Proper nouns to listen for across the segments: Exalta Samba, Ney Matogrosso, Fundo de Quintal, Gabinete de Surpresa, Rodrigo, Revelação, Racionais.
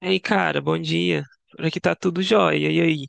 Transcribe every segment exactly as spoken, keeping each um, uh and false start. Ei, cara, bom dia. Por aqui tá tudo jóia. E aí?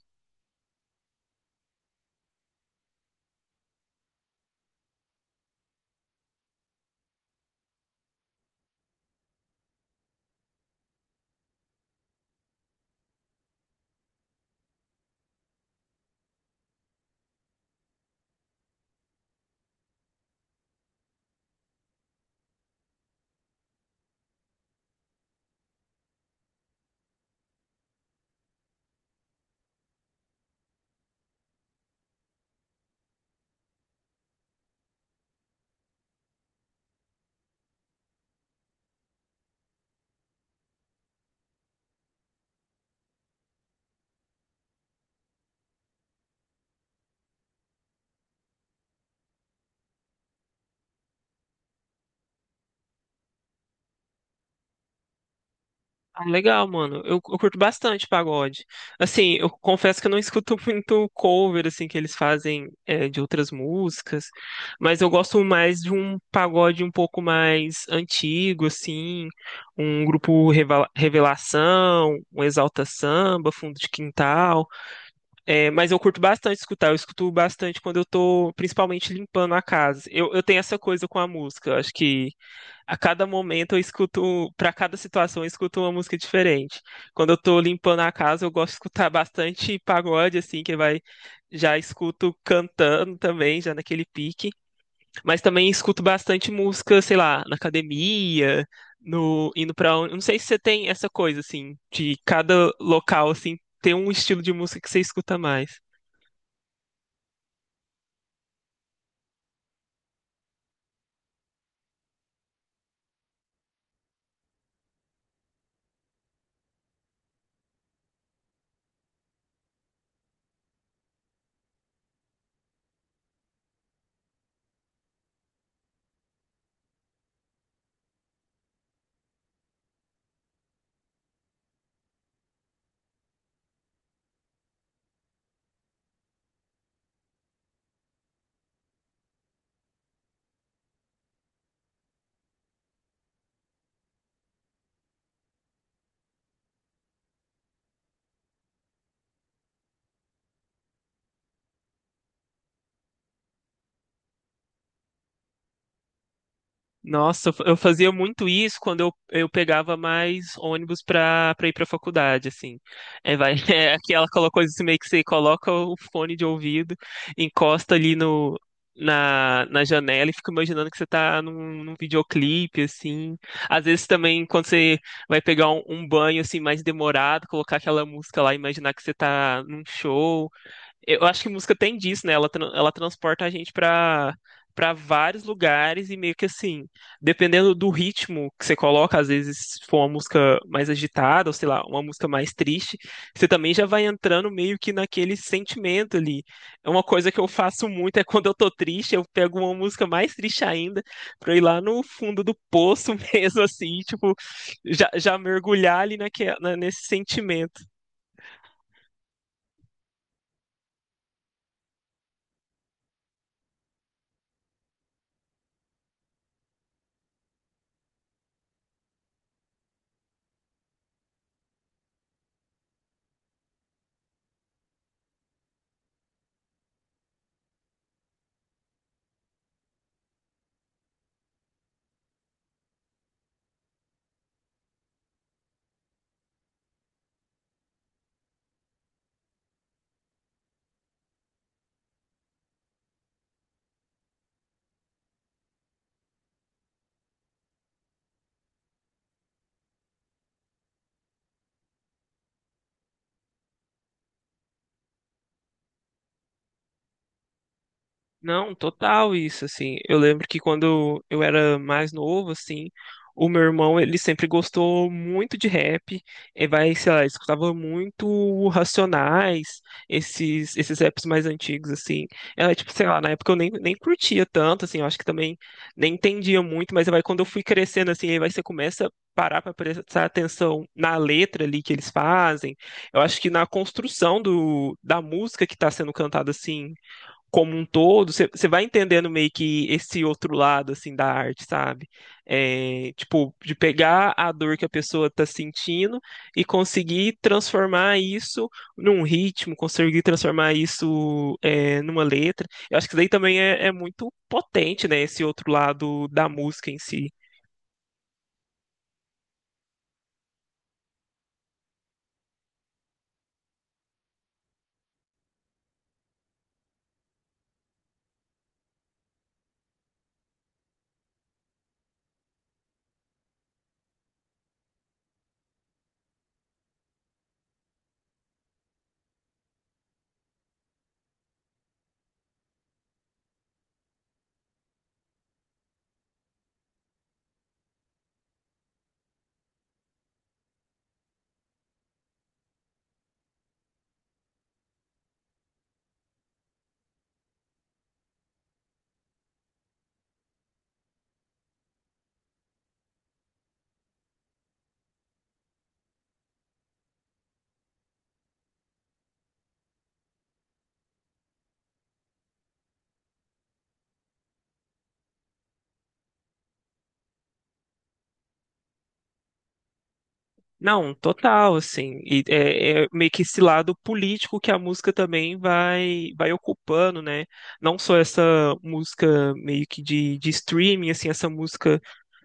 Ah, legal, mano. Eu, eu curto bastante pagode. Assim, eu confesso que eu não escuto muito cover, assim, que eles fazem é, de outras músicas, mas eu gosto mais de um pagode um pouco mais antigo, assim, um grupo Reva- Revelação, um Exalta Samba, Fundo de Quintal. É, mas eu curto bastante escutar, eu escuto bastante quando eu tô, principalmente, limpando a casa. Eu, eu tenho essa coisa com a música, eu acho que. A cada momento eu escuto, para cada situação eu escuto uma música diferente. Quando eu tô limpando a casa, eu gosto de escutar bastante pagode, assim, que vai, já escuto cantando também, já naquele pique. Mas também escuto bastante música, sei lá, na academia, no, indo para não sei se você tem essa coisa, assim, de cada local, assim, tem um estilo de música que você escuta mais. Nossa, eu fa- eu fazia muito isso quando eu, eu pegava mais ônibus pra, pra ir pra faculdade, assim. É, vai, é aquela aquela coisa assim, meio que você coloca o fone de ouvido, encosta ali no, na, na janela e fica imaginando que você tá num, num videoclipe, assim. Às vezes também, quando você vai pegar um, um banho, assim, mais demorado, colocar aquela música lá, e imaginar que você tá num show. Eu acho que música tem disso, né? Ela, tran- ela transporta a gente pra para vários lugares e meio que assim, dependendo do ritmo que você coloca, às vezes se for uma música mais agitada, ou sei lá, uma música mais triste, você também já vai entrando meio que naquele sentimento ali. É uma coisa que eu faço muito, é quando eu tô triste, eu pego uma música mais triste ainda, pra eu ir lá no fundo do poço mesmo, assim, tipo, já, já mergulhar ali naque, na- nesse sentimento. Não, total isso, assim. Eu lembro que quando eu era mais novo, assim, o meu irmão, ele sempre gostou muito de rap. E vai, sei lá, escutava muito Racionais, esses, esses raps mais antigos, assim. Era, tipo, sei lá, na época eu nem, nem curtia tanto, assim, eu acho que também nem entendia muito, mas vai, quando eu fui crescendo, assim, aí vai, você começa a parar pra prestar atenção na letra ali que eles fazem. Eu acho que na construção do, da música que tá sendo cantada, assim, como um todo, você vai entendendo meio que esse outro lado, assim, da arte, sabe? É, tipo, de pegar a dor que a pessoa tá sentindo e conseguir transformar isso num ritmo, conseguir transformar isso, é, numa letra. Eu acho que isso daí também é, é muito potente, né? Esse outro lado da música em si. Não, total, assim, e é, é meio que esse lado político que a música também vai vai ocupando, né? Não só essa música meio que de, de streaming, assim, essa música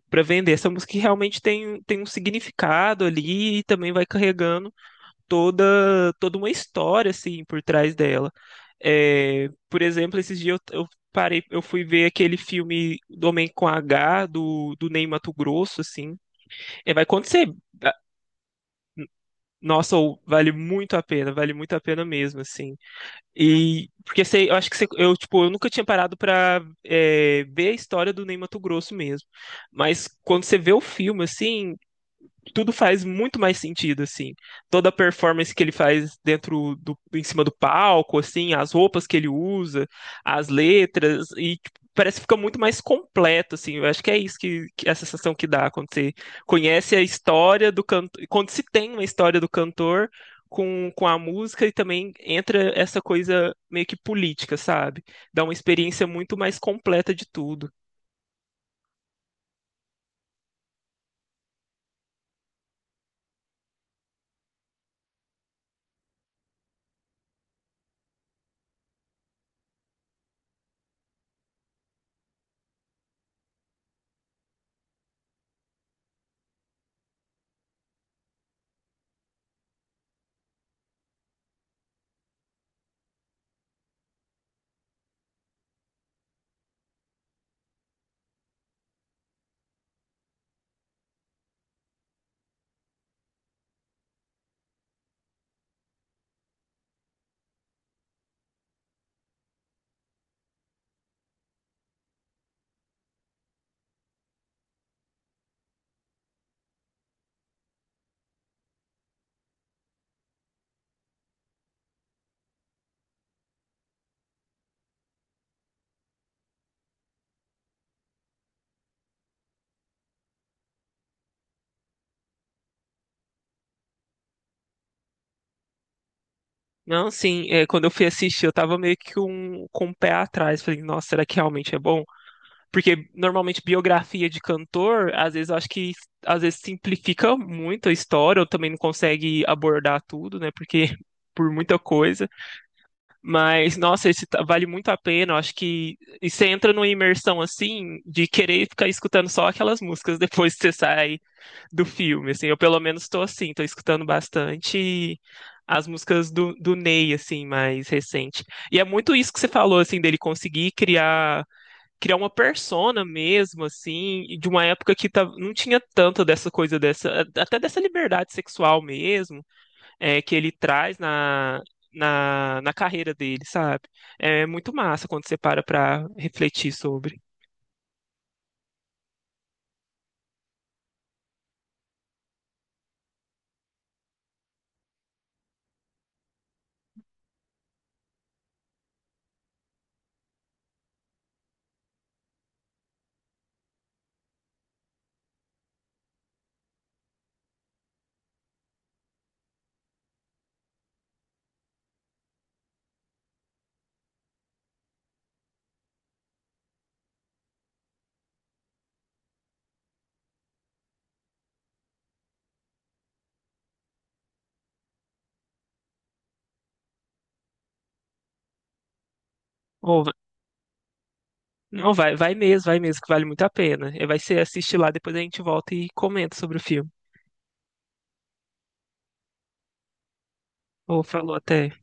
para vender, essa música que realmente tem, tem um significado ali e também vai carregando toda toda uma história, assim, por trás dela. É, por exemplo, esses dias eu, eu parei, eu fui ver aquele filme do Homem com H, do, do Ney Matogrosso, assim, é, vai acontecer. Nossa, ou vale muito a pena, vale muito a pena mesmo, assim. E porque sei, eu acho que você- eu tipo, eu nunca tinha parado pra é, ver a história do Ney Matogrosso mesmo. Mas quando você vê o filme, assim, tudo faz muito mais sentido, assim. Toda a performance que ele faz dentro do, em cima do palco, assim, as roupas que ele usa, as letras, e tipo, parece que fica muito mais completo, assim. Eu acho que é isso que, que é a sensação que dá quando você conhece a história do cantor, quando se tem uma história do cantor com, com a música e também entra essa coisa meio que política, sabe? Dá uma experiência muito mais completa de tudo. Não, sim, é, quando eu fui assistir, eu tava meio que um, com o pé atrás. Falei, nossa, será que realmente é bom? Porque normalmente biografia de cantor, às vezes eu acho que às vezes simplifica muito a história, ou também não consegue abordar tudo, né? Porque por muita coisa. Mas, nossa, esse tá- vale muito a pena. Eu acho que e você entra numa imersão assim de querer ficar escutando só aquelas músicas depois que você sai do filme, assim, eu pelo menos tô assim, tô escutando bastante as músicas do, do Ney, assim, mais recente. E é muito isso que você falou, assim, dele conseguir criar criar uma persona mesmo, assim, e de uma época que tá, não tinha tanto dessa coisa, dessa até dessa liberdade sexual mesmo, é, que ele traz na, na, na carreira dele, sabe? É muito massa quando você para pra refletir sobre. Ô, não, vai, vai mesmo, vai mesmo, que vale muito a pena. Eh, vai ser assistir lá, depois a gente volta e comenta sobre o filme. Ou falou até.